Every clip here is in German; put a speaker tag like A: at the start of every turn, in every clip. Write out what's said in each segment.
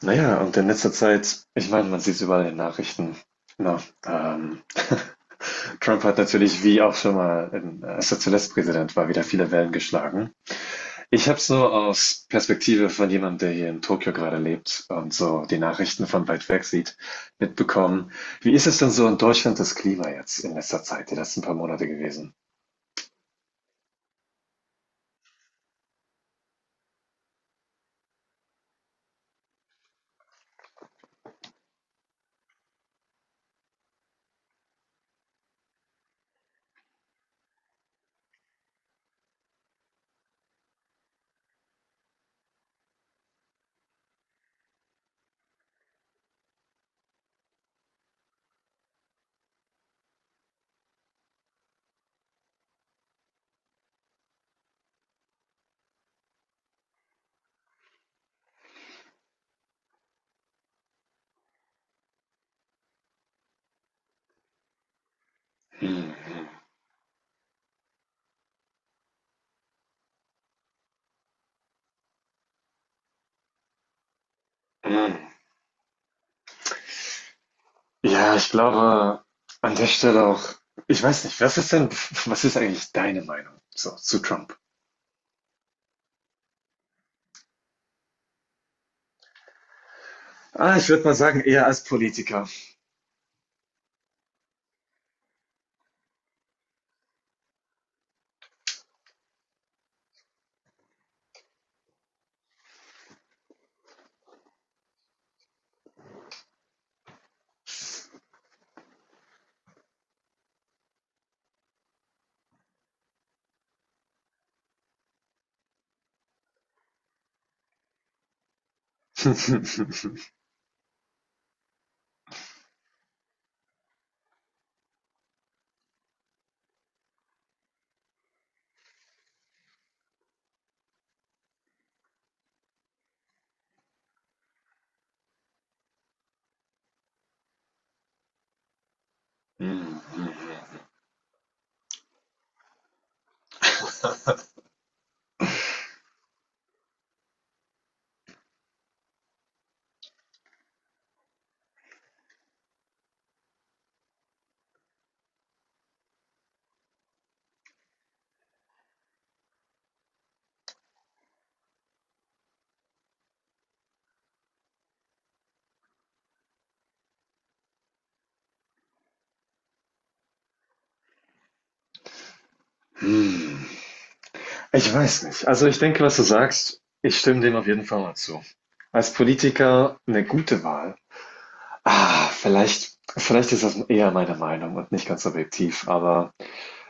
A: Naja, und in letzter Zeit, ich meine, man sieht es überall in den Nachrichten. Na, ähm, Trump hat natürlich, wie auch schon mal, als er zuletzt Präsident war, wieder viele Wellen geschlagen. Ich habe es nur aus Perspektive von jemandem, der hier in Tokio gerade lebt und so die Nachrichten von weit weg sieht, mitbekommen. Wie ist es denn so in Deutschland das Klima jetzt in letzter Zeit, die letzten paar Monate gewesen? Hm, hm, hm. Ja, ich glaube, an der Stelle auch ich weiß nicht, was ist denn, was ist eigentlich deine Meinung so, zu Trump? Ah, ich würde mal sagen, eher als Politiker. Hm, hm. Ich weiß nicht. Also ich denke, was du sagst, ich stimme dem auf jeden Fall mal zu. Als Politiker eine gute Wahl. Ah, vielleicht, vielleicht ist das eher meine Meinung und nicht ganz objektiv, aber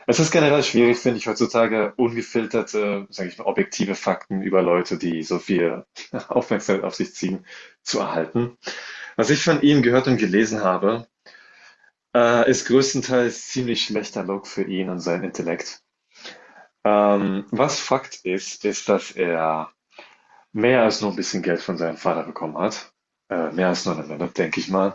A: es ist generell schwierig, finde ich, heutzutage ungefilterte, sage ich mal, objektive Fakten über Leute, die so viel Aufmerksamkeit auf sich ziehen, zu erhalten. Was ich von ihm gehört und gelesen habe, ist größtenteils ziemlich schlechter Look für ihn und seinen Intellekt. Was Fakt ist, ist, dass er mehr als nur ein bisschen Geld von seinem Vater bekommen hat. Mehr als nur eine Menge, denke ich mal.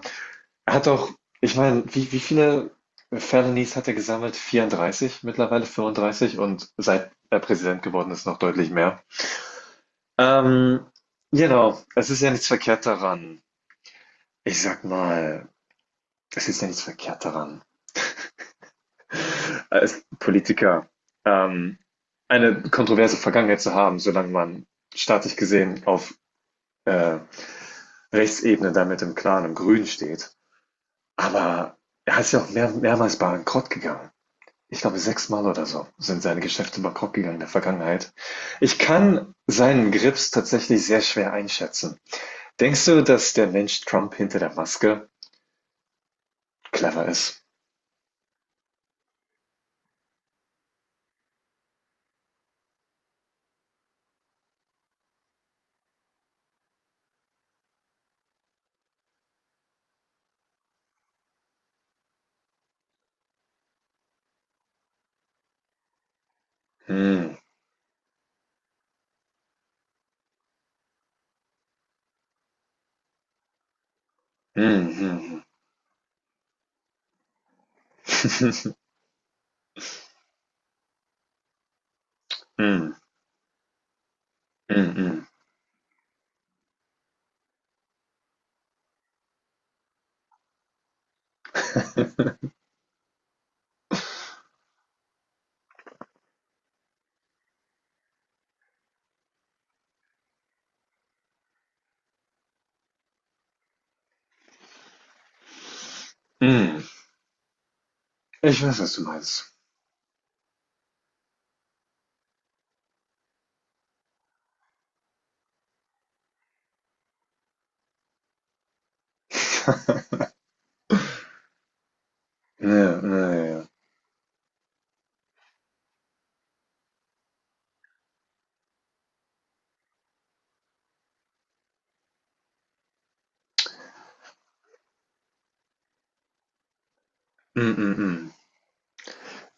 A: Er hat auch, ich meine, wie viele Felonies hat er gesammelt? 34, mittlerweile 35 und seit er Präsident geworden ist, noch deutlich mehr. Ähm, genau, es ist ja nichts verkehrt daran. Ich sag mal, es ist ja nichts verkehrt daran, als Politiker ähm, eine kontroverse Vergangenheit zu haben, solange man staatlich gesehen auf äh, Rechtsebene damit im Klaren, im Grün steht. Aber er ist ja auch mehrmals bankrott gegangen. Ich glaube, sechsmal oder so sind seine Geschäfte bankrott gegangen in der Vergangenheit. Ich kann seinen Grips tatsächlich sehr schwer einschätzen. Denkst du, dass der Mensch Trump hinter der Maske clever ist? Hm, hm, hm, hm, hm, hm, hm. Ich weiß, was du meinst. Ja, ja, ja. Hm, hm, hm.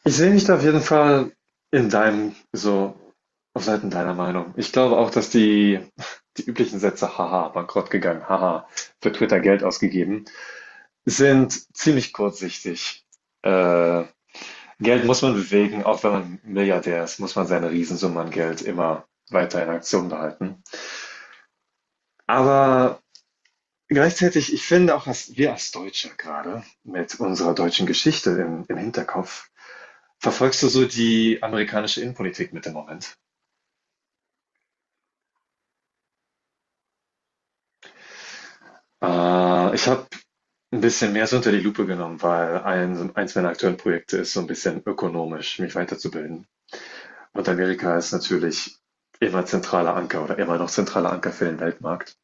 A: Ich sehe mich da auf jeden Fall in deinem so auf Seiten deiner Meinung. Ich glaube auch, dass die üblichen Sätze, haha, bankrott gegangen, haha, für Twitter Geld ausgegeben, sind ziemlich kurzsichtig. Äh, Geld muss man bewegen, auch wenn man Milliardär ist, muss man seine Riesensumme an Geld immer weiter in Aktion behalten. Aber gleichzeitig, ich finde auch, dass wir als Deutsche gerade mit unserer deutschen Geschichte im Hinterkopf, verfolgst du so die amerikanische Innenpolitik mit dem Moment? Ich habe ein bisschen mehr so unter die Lupe genommen, weil eins meiner aktuellen Projekte ist so ein bisschen ökonomisch, mich weiterzubilden. Und Amerika ist natürlich immer zentraler Anker oder immer noch zentraler Anker für den Weltmarkt.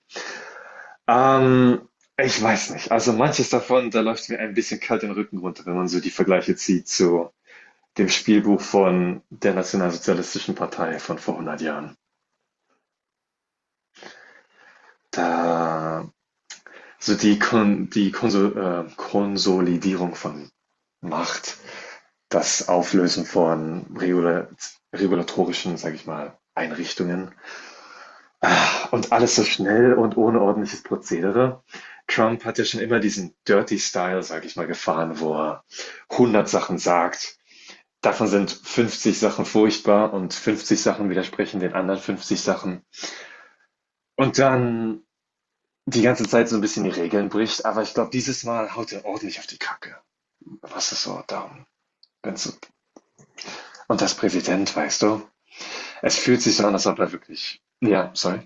A: Ähm, ich weiß nicht. Also, manches davon, da läuft mir ein bisschen kalt den Rücken runter, wenn man so die Vergleiche zieht zu dem Spielbuch von der Nationalsozialistischen Partei von vor 100 Jahren. Da so die Konsolidierung von Macht, das Auflösen von regulatorischen, sage ich mal, Einrichtungen und alles so schnell und ohne ordentliches Prozedere. Trump hat ja schon immer diesen Dirty Style, sage ich mal, gefahren, wo er 100 Sachen sagt. Davon sind 50 Sachen furchtbar und 50 Sachen widersprechen den anderen 50 Sachen. Und dann die ganze Zeit so ein bisschen die Regeln bricht. Aber ich glaube, dieses Mal haut er ordentlich auf die Kacke. Was ist so darum? So- und das Präsident, weißt du, es fühlt sich so an, als ob er wirklich ja, sorry.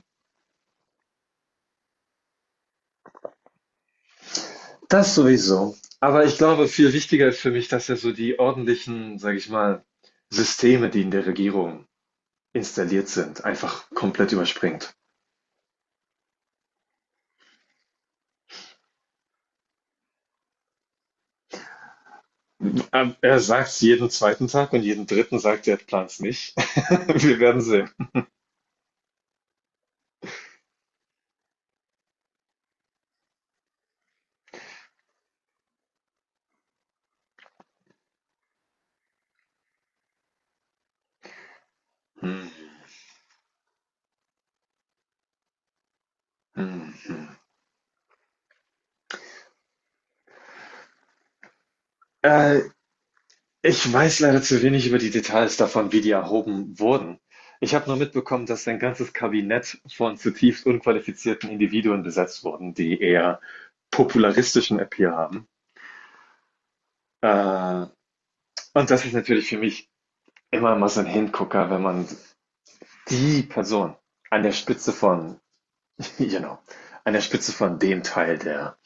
A: Das sowieso. Aber ich glaube, viel wichtiger ist für mich, dass ja so die ordentlichen, sage ich mal, Systeme, die in der Regierung installiert sind, einfach komplett überspringt. Er sagt es jeden zweiten Tag und jeden dritten sagt er, er plant es nicht. Wir werden sehen. Hm, hm, hm. Äh, ich weiß leider zu wenig über die Details davon, wie die erhoben wurden. Ich habe nur mitbekommen, dass ein ganzes Kabinett von zutiefst unqualifizierten Individuen besetzt wurden, die eher popularistischen Appeal haben. Äh, und das ist natürlich für mich immer mal so ein Hingucker, wenn man die Person an der Spitze von, you know, an der Spitze von dem Teil der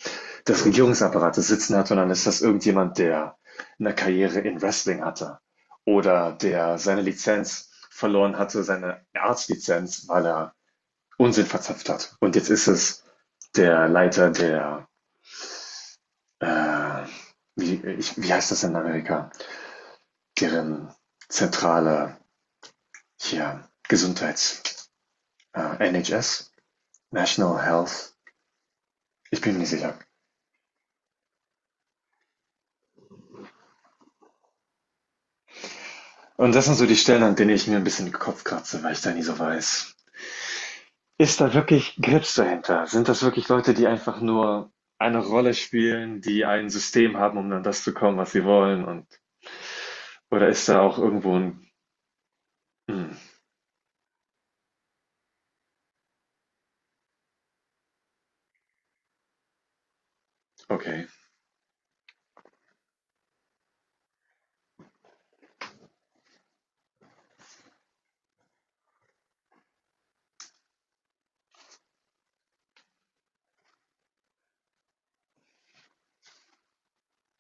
A: des Regierungsapparates sitzen hat, sondern ist das irgendjemand, der eine Karriere in Wrestling hatte oder der seine Lizenz verloren hatte, seine Arztlizenz, weil er Unsinn verzapft hat. Und jetzt ist es der Leiter der, äh, wie heißt das in Amerika, deren zentrale hier Gesundheits, NHS, National Health, ich bin mir nicht sicher. Und das sind so die Stellen, an denen ich mir ein bisschen den Kopf kratze, weil ich da nie so weiß, ist da wirklich Grips dahinter? Sind das wirklich Leute, die einfach nur eine Rolle spielen, die ein System haben, um an das zu kommen, was sie wollen? Und oder ist da auch irgendwo ein hm, okay.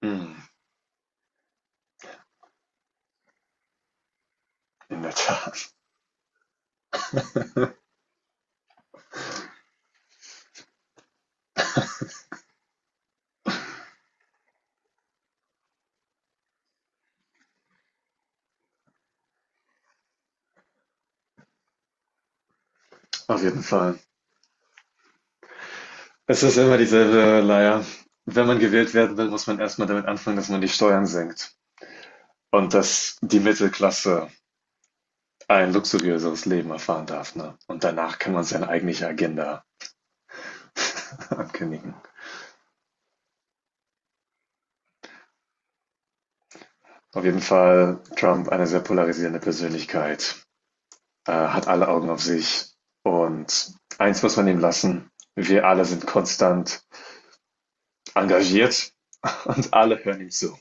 A: Hm, in der Tat. Auf jeden Fall. Es ist immer dieselbe Leier. Wenn man gewählt werden will, muss man erstmal damit anfangen, dass man die Steuern senkt und dass die Mittelklasse ein luxuriöseres Leben erfahren darf. Ne? Und danach kann man seine eigentliche Agenda ankündigen. Auf jeden Fall Trump eine sehr polarisierende Persönlichkeit. Hat alle Augen auf sich. Und eins muss man ihm lassen, wir alle sind konstant engagiert und alle hören ihm zu.